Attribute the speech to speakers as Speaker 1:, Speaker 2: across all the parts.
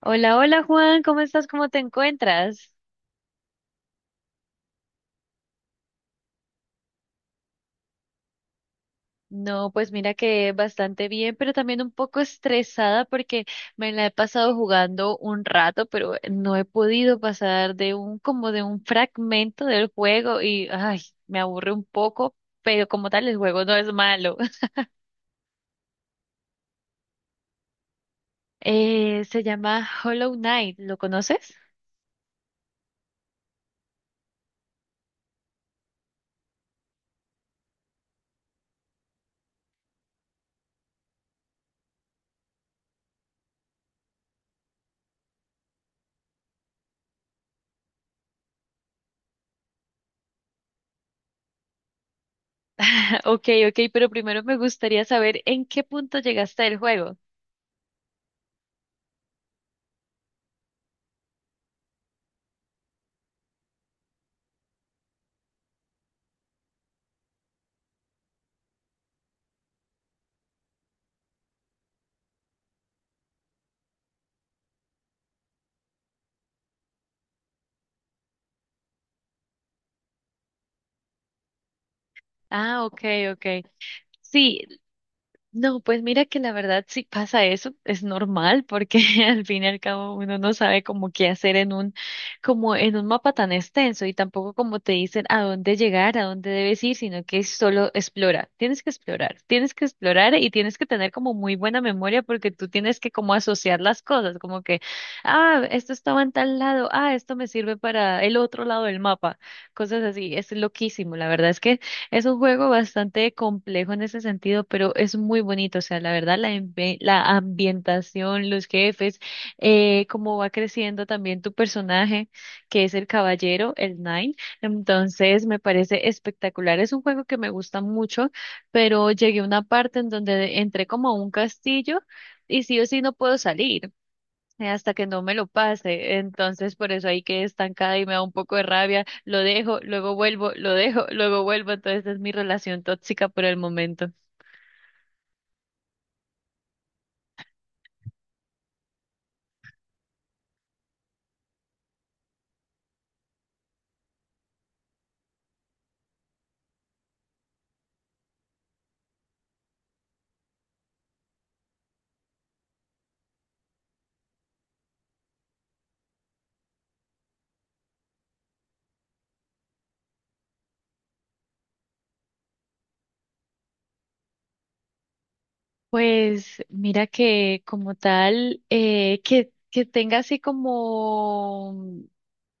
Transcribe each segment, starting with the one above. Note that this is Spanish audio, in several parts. Speaker 1: Hola, hola Juan, ¿cómo estás? ¿Cómo te encuentras? No, pues mira que bastante bien, pero también un poco estresada porque me la he pasado jugando un rato, pero no he podido pasar de un como de un fragmento del juego y ay, me aburre un poco, pero como tal el juego no es malo. Se llama Hollow Knight, ¿lo conoces? Ok, ok, pero primero me gustaría saber en qué punto llegaste del juego. Ah, ok, ok. Sí, no, pues mira que la verdad si pasa eso, es normal porque al fin y al cabo uno no sabe como qué hacer en un, como en un mapa tan extenso y tampoco como te dicen a dónde llegar, a dónde debes ir, sino que solo explora, tienes que explorar y tienes que tener como muy buena memoria porque tú tienes que como asociar las cosas, como que, ah, esto estaba en tal lado, ah, esto me sirve para el otro lado del mapa, cosas así, es loquísimo, la verdad es que es un juego bastante complejo en ese sentido, pero es muy bonito. O sea, la verdad, la, la ambientación, los jefes, cómo va creciendo también tu personaje, que es el caballero, el Nine. Entonces, me parece espectacular. Es un juego que me gusta mucho, pero llegué a una parte en donde entré como a un castillo y sí o sí no puedo salir hasta que no me lo pase. Entonces, por eso ahí quedé estancada y me da un poco de rabia. Lo dejo, luego vuelvo, lo dejo, luego vuelvo. Entonces, es mi relación tóxica por el momento. Pues mira que como tal, que tenga así como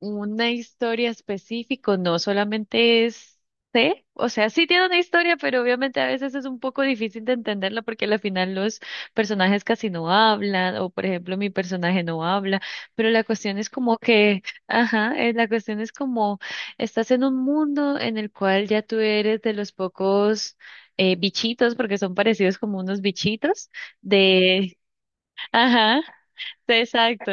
Speaker 1: una historia específica, no solamente es, sé, o sea, sí tiene una historia, pero obviamente a veces es un poco difícil de entenderla porque al final los personajes casi no hablan, o por ejemplo mi personaje no habla, pero la cuestión es como que, ajá, la cuestión es como estás en un mundo en el cual ya tú eres de los pocos bichitos, porque son parecidos como unos bichitos de, ajá, exacto.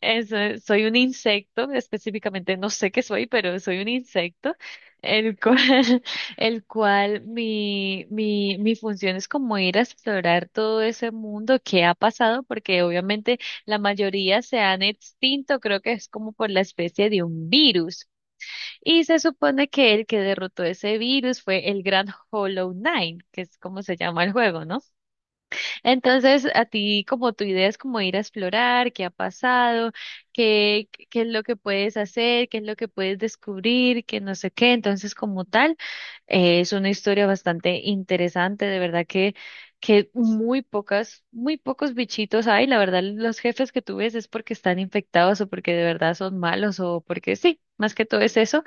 Speaker 1: Eso es, soy un insecto, específicamente no sé qué soy, pero soy un insecto, el cual, el cual mi función es como ir a explorar todo ese mundo que ha pasado, porque obviamente la mayoría se han extinto, creo que es como por la especie de un virus. Y se supone que el que derrotó ese virus fue el gran Hollow Knight, que es como se llama el juego, ¿no? Entonces, a ti, como tu idea es como ir a explorar qué ha pasado, qué es lo que puedes hacer, qué es lo que puedes descubrir, que no sé qué. Entonces, como tal, es una historia bastante interesante, de verdad que muy pocas, muy pocos bichitos hay. La verdad, los jefes que tú ves es porque están infectados o porque de verdad son malos o porque sí, más que todo es eso.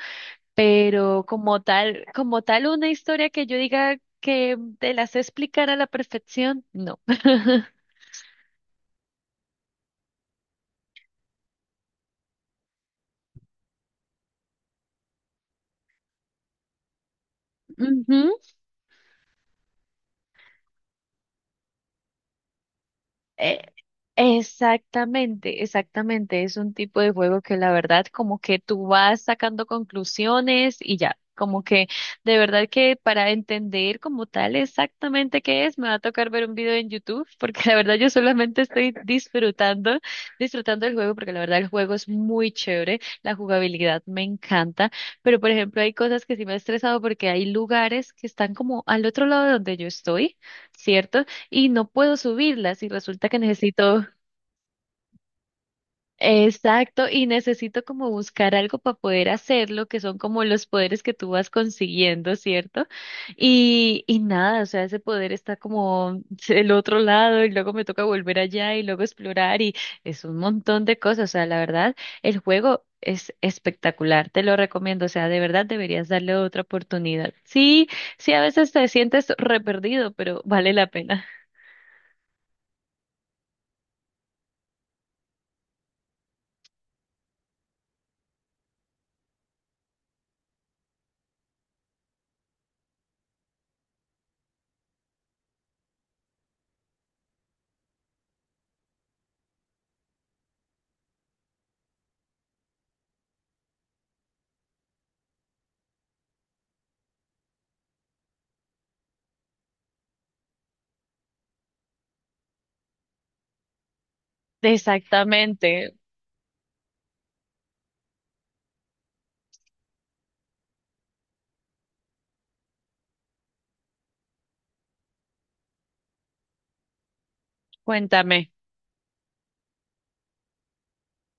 Speaker 1: Pero como tal una historia que yo diga que te las sé explicar a la perfección, no. Ujú. Eh, exactamente, exactamente. Es un tipo de juego que la verdad como que tú vas sacando conclusiones y ya, como que de verdad que para entender como tal exactamente qué es, me va a tocar ver un video en YouTube porque la verdad yo solamente estoy disfrutando, disfrutando del juego porque la verdad el juego es muy chévere, la jugabilidad me encanta, pero por ejemplo hay cosas que sí me ha estresado porque hay lugares que están como al otro lado de donde yo estoy. ¿Cierto? Y no puedo subirlas y resulta que necesito, exacto, y necesito como buscar algo para poder hacerlo, que son como los poderes que tú vas consiguiendo, ¿cierto? Y nada, o sea, ese poder está como el otro lado y luego me toca volver allá y luego explorar y es un montón de cosas, o sea, la verdad, el juego... Es espectacular, te lo recomiendo, o sea, de verdad deberías darle otra oportunidad. Sí, sí, a veces te sientes re perdido, pero vale la pena. Exactamente. Cuéntame.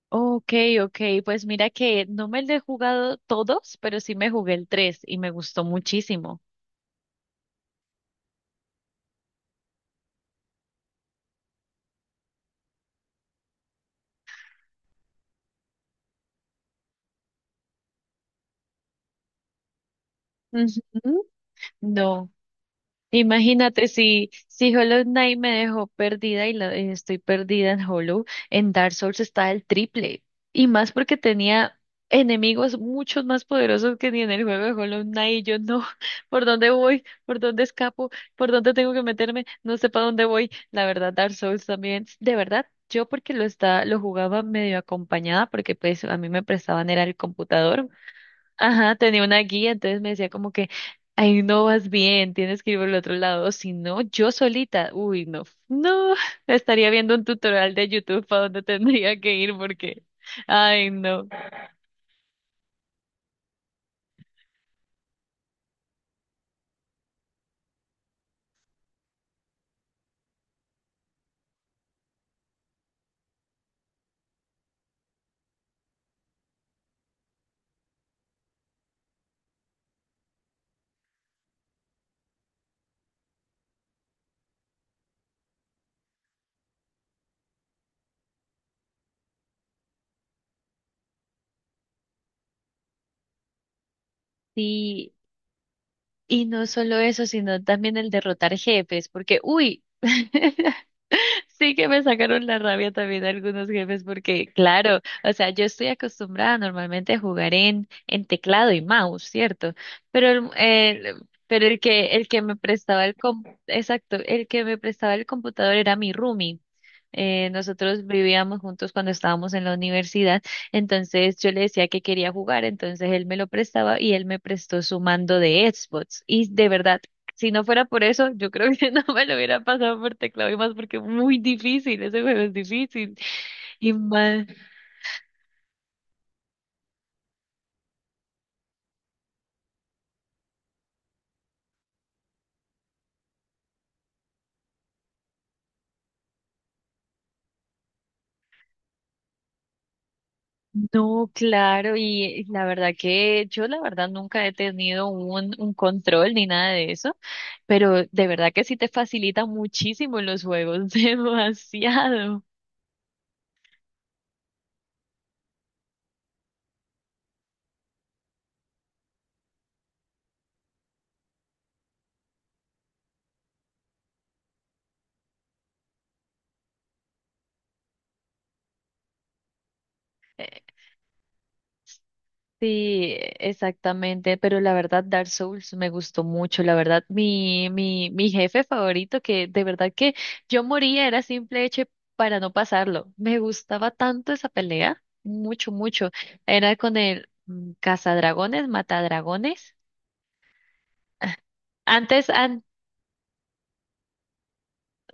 Speaker 1: Ok, ok, pues mira que no me lo he jugado todos, pero sí me jugué el 3 y me gustó muchísimo. Ujú. No. Imagínate si, si Hollow Knight me dejó perdida y estoy perdida en Hollow, en Dark Souls está el triple. Y más porque tenía enemigos muchos más poderosos que ni en el juego de Hollow Knight. Y yo no, ¿por dónde voy? ¿Por dónde escapo? ¿Por dónde tengo que meterme? No sé para dónde voy. La verdad, Dark Souls también. De verdad, yo porque lo está, lo jugaba medio acompañada, porque pues a mí me prestaban era el computador. Ajá, tenía una guía, entonces me decía como que, ay, no vas bien, tienes que ir por el otro lado, o si no, yo solita, uy, no, no, estaría viendo un tutorial de YouTube para dónde tendría que ir porque, ay, no. Sí, y no solo eso, sino también el derrotar jefes, porque, uy, sí que me sacaron la rabia también algunos jefes porque, claro, o sea, yo estoy acostumbrada normalmente a jugar en teclado y mouse, ¿cierto? Pero pero el que me prestaba el com- exacto, el que me prestaba el computador era mi roomie. Nosotros vivíamos juntos cuando estábamos en la universidad, entonces yo le decía que quería jugar, entonces él me lo prestaba y él me prestó su mando de Xbox. Y de verdad, si no fuera por eso, yo creo que no me lo hubiera pasado por teclado y más porque es muy difícil, ese juego es difícil. Y más, no, claro, y la verdad que yo la verdad nunca he tenido un control ni nada de eso, pero de verdad que sí te facilita muchísimo los juegos, demasiado. Sí, exactamente, pero la verdad Dark Souls me gustó mucho, la verdad mi jefe favorito que de verdad que yo moría era simple hecho para no pasarlo. Me gustaba tanto esa pelea, mucho mucho. Era con el cazadragones, matadragones. Antes an-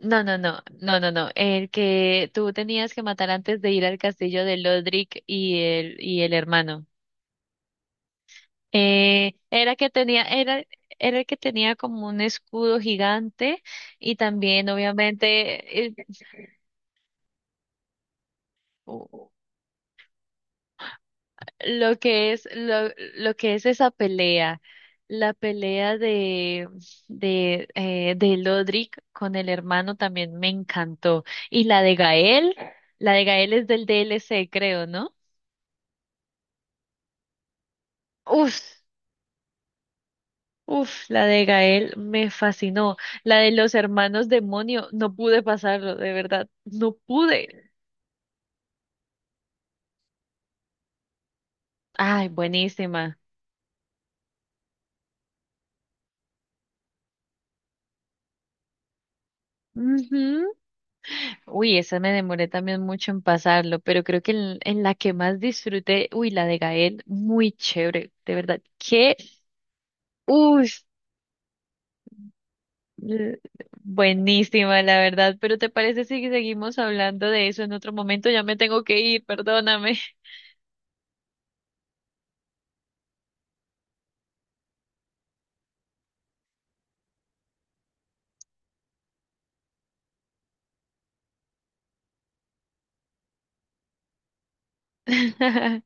Speaker 1: no, no, no, no, no, no, el que tú tenías que matar antes de ir al castillo de Lodric y el hermano. Era que tenía, era, era el que tenía como un escudo gigante y también obviamente u- lo que es lo, lo que es esa pelea, la pelea de Lodric con el hermano también me encantó y la de Gael es del DLC creo, ¿no? Uf, uf, la de Gael me fascinó. La de los hermanos demonio, no pude pasarlo, de verdad, no pude. Ay, buenísima. Ujú. Uy, esa me demoré también mucho en pasarlo, pero creo que en la que más disfruté, uy, la de Gael, muy chévere, de verdad. Uy, l- buenísima, la verdad. Pero ¿te parece si seguimos hablando de eso en otro momento? Ya me tengo que ir, perdóname.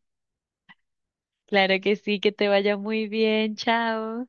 Speaker 1: Claro que sí, que te vaya muy bien, chao.